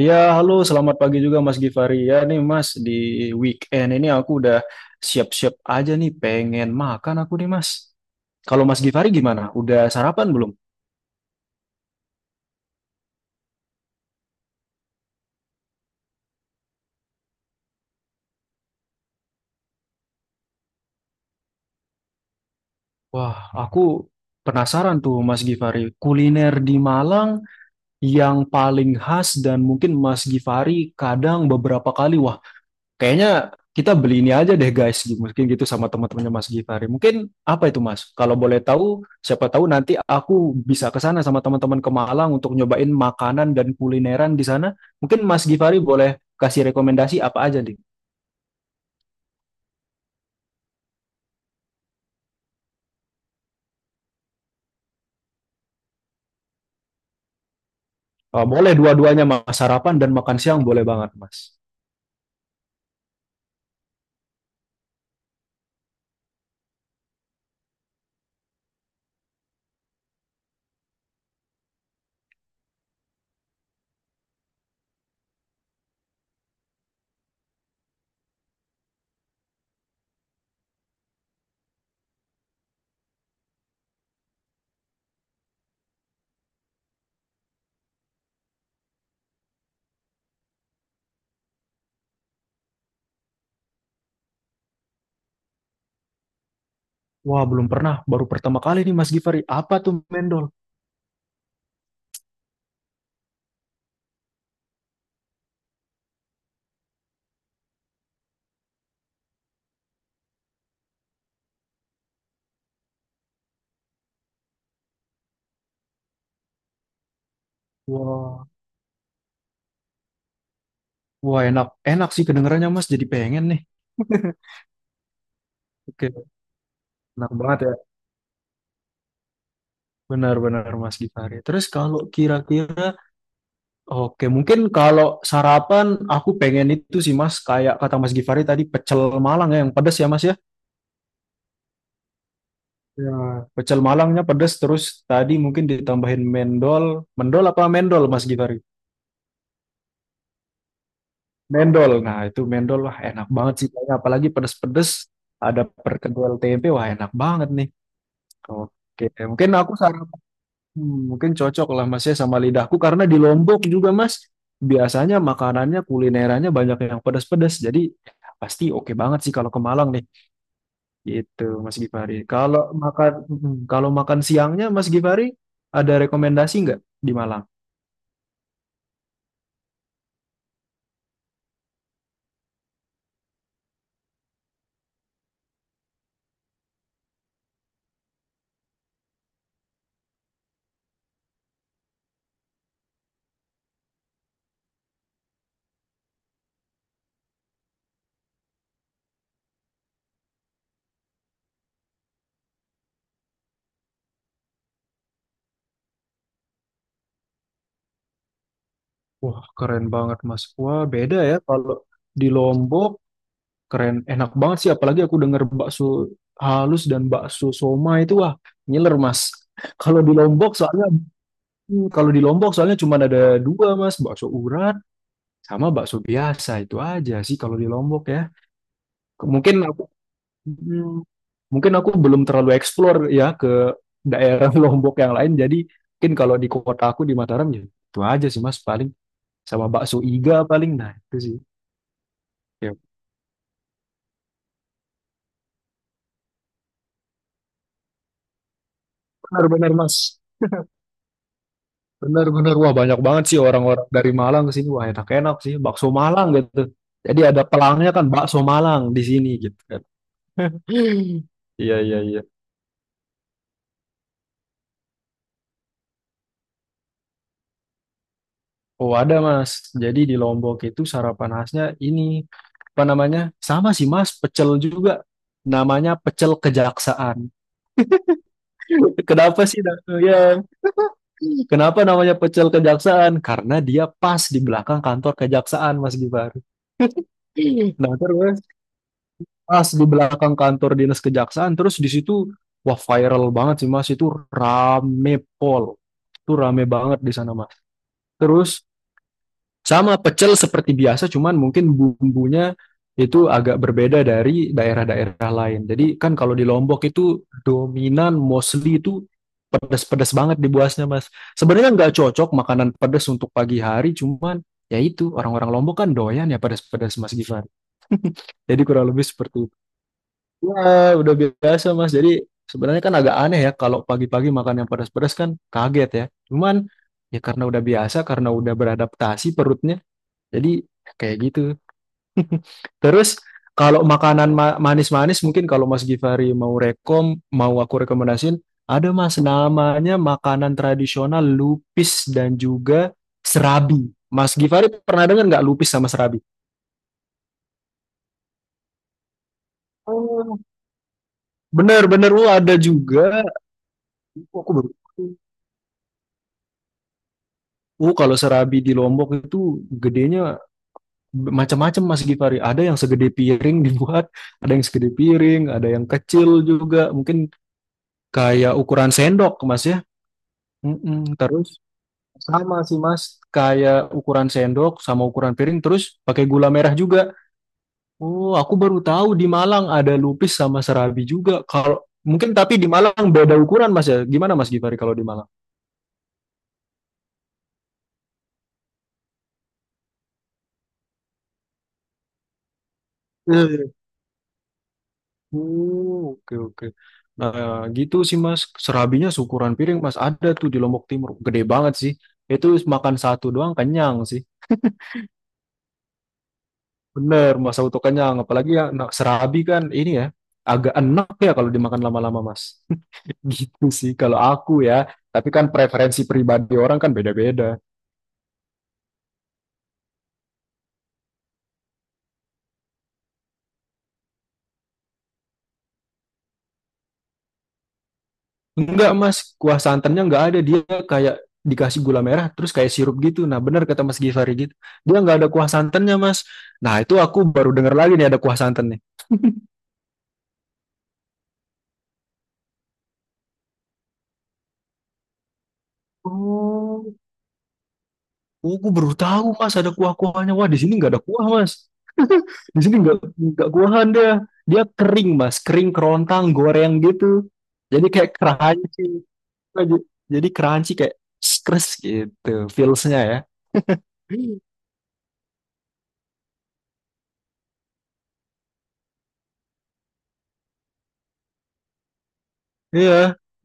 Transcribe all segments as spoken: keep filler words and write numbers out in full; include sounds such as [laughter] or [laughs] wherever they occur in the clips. Iya, halo, selamat pagi juga Mas Givari. Ya nih Mas, di weekend ini aku udah siap-siap aja nih pengen makan aku nih Mas. Kalau Mas Givari gimana? Udah sarapan belum? Wah, aku penasaran tuh Mas Givari, kuliner di Malang yang paling khas dan mungkin Mas Givari kadang beberapa kali wah. Kayaknya kita beli ini aja deh guys, gitu. Mungkin gitu sama teman-temannya Mas Gifari. Mungkin apa itu Mas? Kalau boleh tahu, siapa tahu nanti aku bisa ke sana sama teman-teman ke Malang untuk nyobain makanan dan kulineran di sana. Mungkin Mas Gifari boleh kasih rekomendasi apa aja nih? Eh, boleh dua-duanya Mas, sarapan dan makan siang boleh banget Mas. Wah belum pernah, baru pertama kali nih Mas Gifari. Apa tuh mendol? Wah, wah enak, enak sih kedengarannya Mas, jadi pengen nih. [laughs] Oke, enak banget ya. Benar-benar Mas Gifari. Terus kalau kira-kira, oke mungkin kalau sarapan aku pengen itu sih Mas, kayak kata Mas Gifari tadi pecel Malang ya, yang pedas ya Mas ya. Ya, pecel Malangnya pedas, terus tadi mungkin ditambahin mendol. Mendol apa mendol Mas Gifari? Mendol. Nah itu mendol, wah enak banget sih kayaknya. Apalagi pedas-pedas, ada perkedel tempe, wah enak banget nih. Oke, mungkin aku saran Hmm, mungkin cocok lah mas ya sama lidahku karena di Lombok juga mas biasanya makanannya kulinerannya banyak yang pedas-pedas, jadi pasti oke banget sih kalau ke Malang nih, gitu Mas Gifari. Kalau makan mm, kalau makan siangnya Mas Gifari ada rekomendasi nggak di Malang? Wah keren banget mas. Wah beda ya kalau di Lombok, keren enak banget sih apalagi aku denger bakso halus dan bakso soma itu, wah ngiler mas. Kalau di Lombok soalnya Hmm, Kalau di Lombok soalnya cuma ada dua mas, bakso urat sama bakso biasa itu aja sih kalau di Lombok ya. Ke- Mungkin aku hmm, mungkin aku belum terlalu explore ya ke daerah [laughs] Lombok yang lain. Jadi mungkin kalau di kota aku di Mataram ya itu aja sih mas paling, sama bakso iga paling, nah itu sih. Ya benar-benar mas, benar-benar wah banyak banget sih orang-orang dari Malang ke sini, wah enak-enak sih bakso Malang gitu. Jadi ada pelangnya kan bakso Malang di sini gitu kan. [laughs] Iya iya iya. Oh ada mas, jadi di Lombok itu sarapan khasnya ini, apa namanya? Sama sih mas, pecel juga. Namanya pecel kejaksaan. [laughs] Kenapa sih? na- Ya, kenapa namanya pecel kejaksaan? Karena dia pas di belakang kantor kejaksaan mas Gibar. [laughs] Nah terus pas di belakang kantor dinas kejaksaan, terus di situ wah viral banget sih mas, itu rame pol. Itu rame banget di sana mas. Terus sama pecel seperti biasa, cuman mungkin bumbunya itu agak berbeda dari daerah-daerah lain. Jadi kan kalau di Lombok itu dominan mostly itu pedas-pedas banget di buasnya, Mas. Sebenarnya nggak cocok makanan pedas untuk pagi hari, cuman ya itu orang-orang Lombok kan doyan ya pedas-pedas, Mas Gifar. Jadi kurang lebih seperti itu. Wah, udah biasa, Mas. Jadi sebenarnya kan agak aneh ya kalau pagi-pagi makan yang pedas-pedas kan kaget ya. Cuman ya karena udah biasa, karena udah beradaptasi perutnya, jadi kayak gitu. [laughs] Terus kalau makanan ma- manis-manis mungkin kalau Mas Givari mau rekom, mau aku rekomendasiin, ada Mas namanya makanan tradisional lupis dan juga serabi. Mas Givari pernah dengar nggak lupis sama serabi? Oh, bener-bener, oh ada juga. Oh, aku baru tahu. Oh, kalau serabi di Lombok itu gedenya macam-macam Mas Givari. Ada yang segede piring dibuat, ada yang segede piring, ada yang kecil juga. Mungkin kayak ukuran sendok mas ya. Mm-mm. Terus sama sih mas, kayak ukuran sendok sama ukuran piring, terus pakai gula merah juga. Oh aku baru tahu di Malang ada lupis sama serabi juga. Kalau mungkin tapi di Malang beda ukuran mas ya, gimana mas Givari kalau di Malang? Eh, Oh, oke oke. Nah, gitu sih Mas, serabinya seukuran piring Mas, ada tuh di Lombok Timur, gede banget sih. Itu makan satu doang kenyang sih. Bener, masa auto kenyang. Apalagi ya, nah, serabi kan ini ya agak enak ya kalau dimakan lama-lama, Mas. [laughs] Gitu sih kalau aku ya. Tapi kan preferensi pribadi orang kan beda-beda. Enggak, Mas, kuah santannya enggak ada. Dia kayak dikasih gula merah terus kayak sirup gitu. Nah, bener kata Mas Givari gitu. Dia enggak ada kuah santannya, Mas. Nah, itu aku baru dengar lagi nih ada kuah santannya. Oh, oh, aku baru tahu, Mas, ada kuah-kuahnya. Wah, di sini enggak ada kuah, Mas. Di sini nggak nggak kuahan dia. Dia kering mas, kering kerontang, goreng gitu. Jadi kayak crunchy. Jadi jadi crunchy kayak skres gitu feelsnya ya. Iya.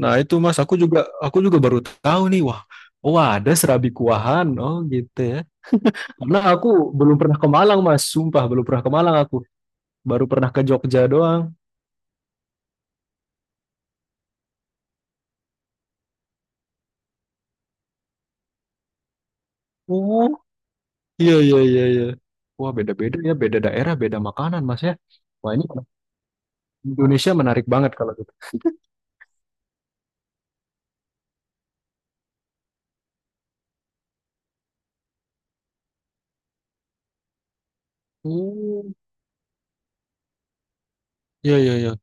Nah itu mas, aku juga aku juga baru tahu nih. Wah, oh ada serabi kuahan. Oh gitu ya. Karena aku belum pernah ke Malang mas, sumpah belum pernah ke Malang aku. Baru pernah ke Jogja doang. Oh iya iya iya iya. Wah beda-beda ya, beda daerah, beda makanan mas ya. Wah ini Indonesia menarik banget kalau gitu. Hmm. Ya, ya, ya.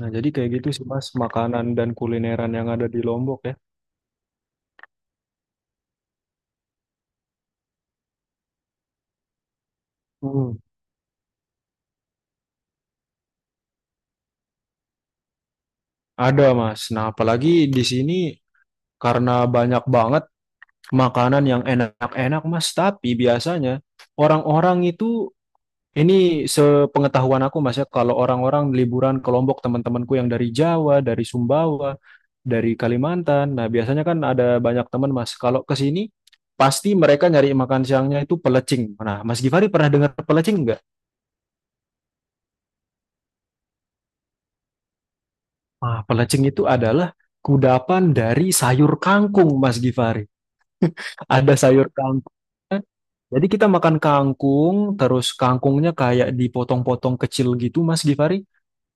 Nah, jadi kayak gitu sih, Mas, makanan dan kulineran yang ada di Lombok ya. Hmm. Ada, Mas. Nah, apalagi di sini karena banyak banget makanan yang enak-enak, Mas. Tapi biasanya orang-orang itu, ini sepengetahuan aku, Mas, ya, kalau orang-orang liburan ke Lombok, teman-temanku yang dari Jawa, dari Sumbawa, dari Kalimantan. Nah, biasanya kan ada banyak teman, Mas. Kalau ke sini, pasti mereka nyari makan siangnya itu pelecing. Nah, Mas Gifari pernah dengar pelecing nggak? Ah, pelecing itu adalah kudapan dari sayur kangkung, Mas Gifari. Ada sayur kangkung. Jadi kita makan kangkung, terus kangkungnya kayak dipotong-potong kecil gitu, Mas Gifari.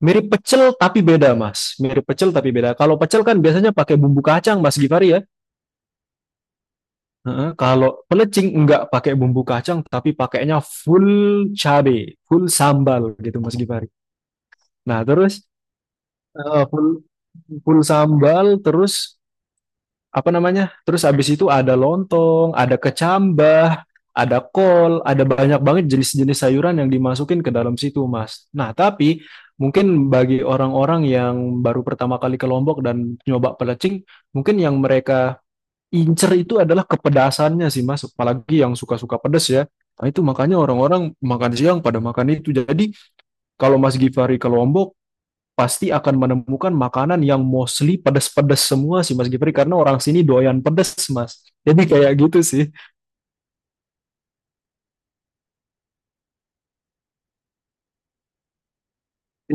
Mirip pecel tapi beda, Mas. Mirip pecel tapi beda. Kalau pecel kan biasanya pakai bumbu kacang, Mas Gifari ya. Heeh, kalau pelecing enggak pakai bumbu kacang, tapi pakainya full cabe, full sambal gitu, Mas Gifari. Nah, terus eh, full full sambal, terus apa namanya? Terus habis itu ada lontong, ada kecambah, ada kol, ada banyak banget jenis-jenis sayuran yang dimasukin ke dalam situ, Mas. Nah, tapi mungkin bagi orang-orang yang baru pertama kali ke Lombok dan nyoba pelecing, mungkin yang mereka incer itu adalah kepedasannya sih, Mas. Apalagi yang suka-suka pedes ya. Nah, itu makanya orang-orang makan siang pada makan itu. Jadi, kalau Mas Gifari ke Lombok, pasti akan menemukan makanan yang mostly pedas-pedas semua sih Mas Gifri, karena orang sini doyan pedas Mas. Jadi kayak gitu sih.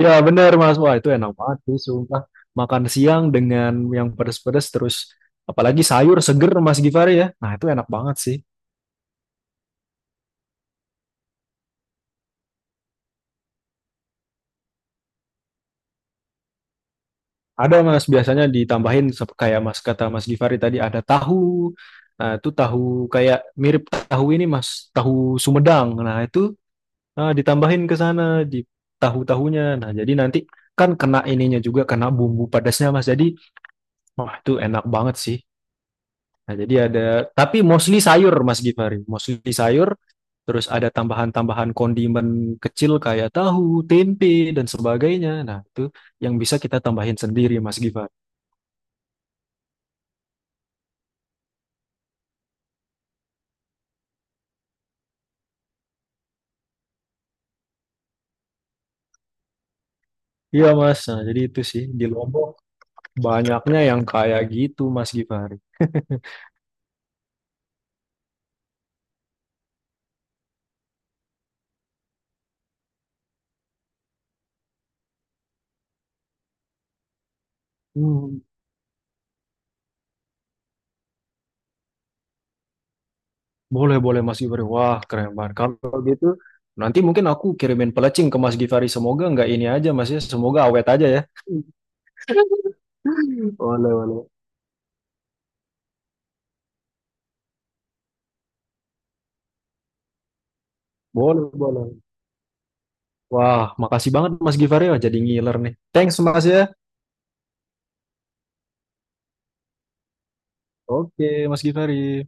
Ya benar Mas. Wah itu enak banget sih sumpah. Makan siang dengan yang pedas-pedas, terus apalagi sayur seger Mas Gifari ya. Nah itu enak banget sih. Ada Mas, biasanya ditambahin sep- kayak Mas kata Mas Gifari tadi, ada tahu. Nah itu tahu kayak mirip tahu ini Mas, tahu Sumedang. Nah itu, nah, ditambahin ke sana di tahu-tahunya. Nah, jadi nanti kan kena ininya juga, kena bumbu pedasnya Mas. Jadi, wah itu enak banget sih. Nah, jadi ada, tapi mostly sayur Mas Gifari, mostly sayur. Terus ada tambahan-tambahan kondimen kecil kayak tahu, tempe dan sebagainya. Nah, itu yang bisa kita tambahin sendiri Mas Gifari. Iya Mas, nah, jadi itu sih di Lombok banyaknya yang kayak gitu Mas Gifari. [laughs] Hmm. Boleh, boleh Mas Givari. Wah, keren banget. Kalau gitu, nanti mungkin aku kirimin pelecing ke Mas Givari. Semoga nggak ini aja Mas ya. Semoga awet aja ya. Boleh, boleh. Boleh, boleh. Wah, makasih banget Mas Givari. Wah, jadi ngiler nih. Thanks Mas ya. Oke, Mas Givari.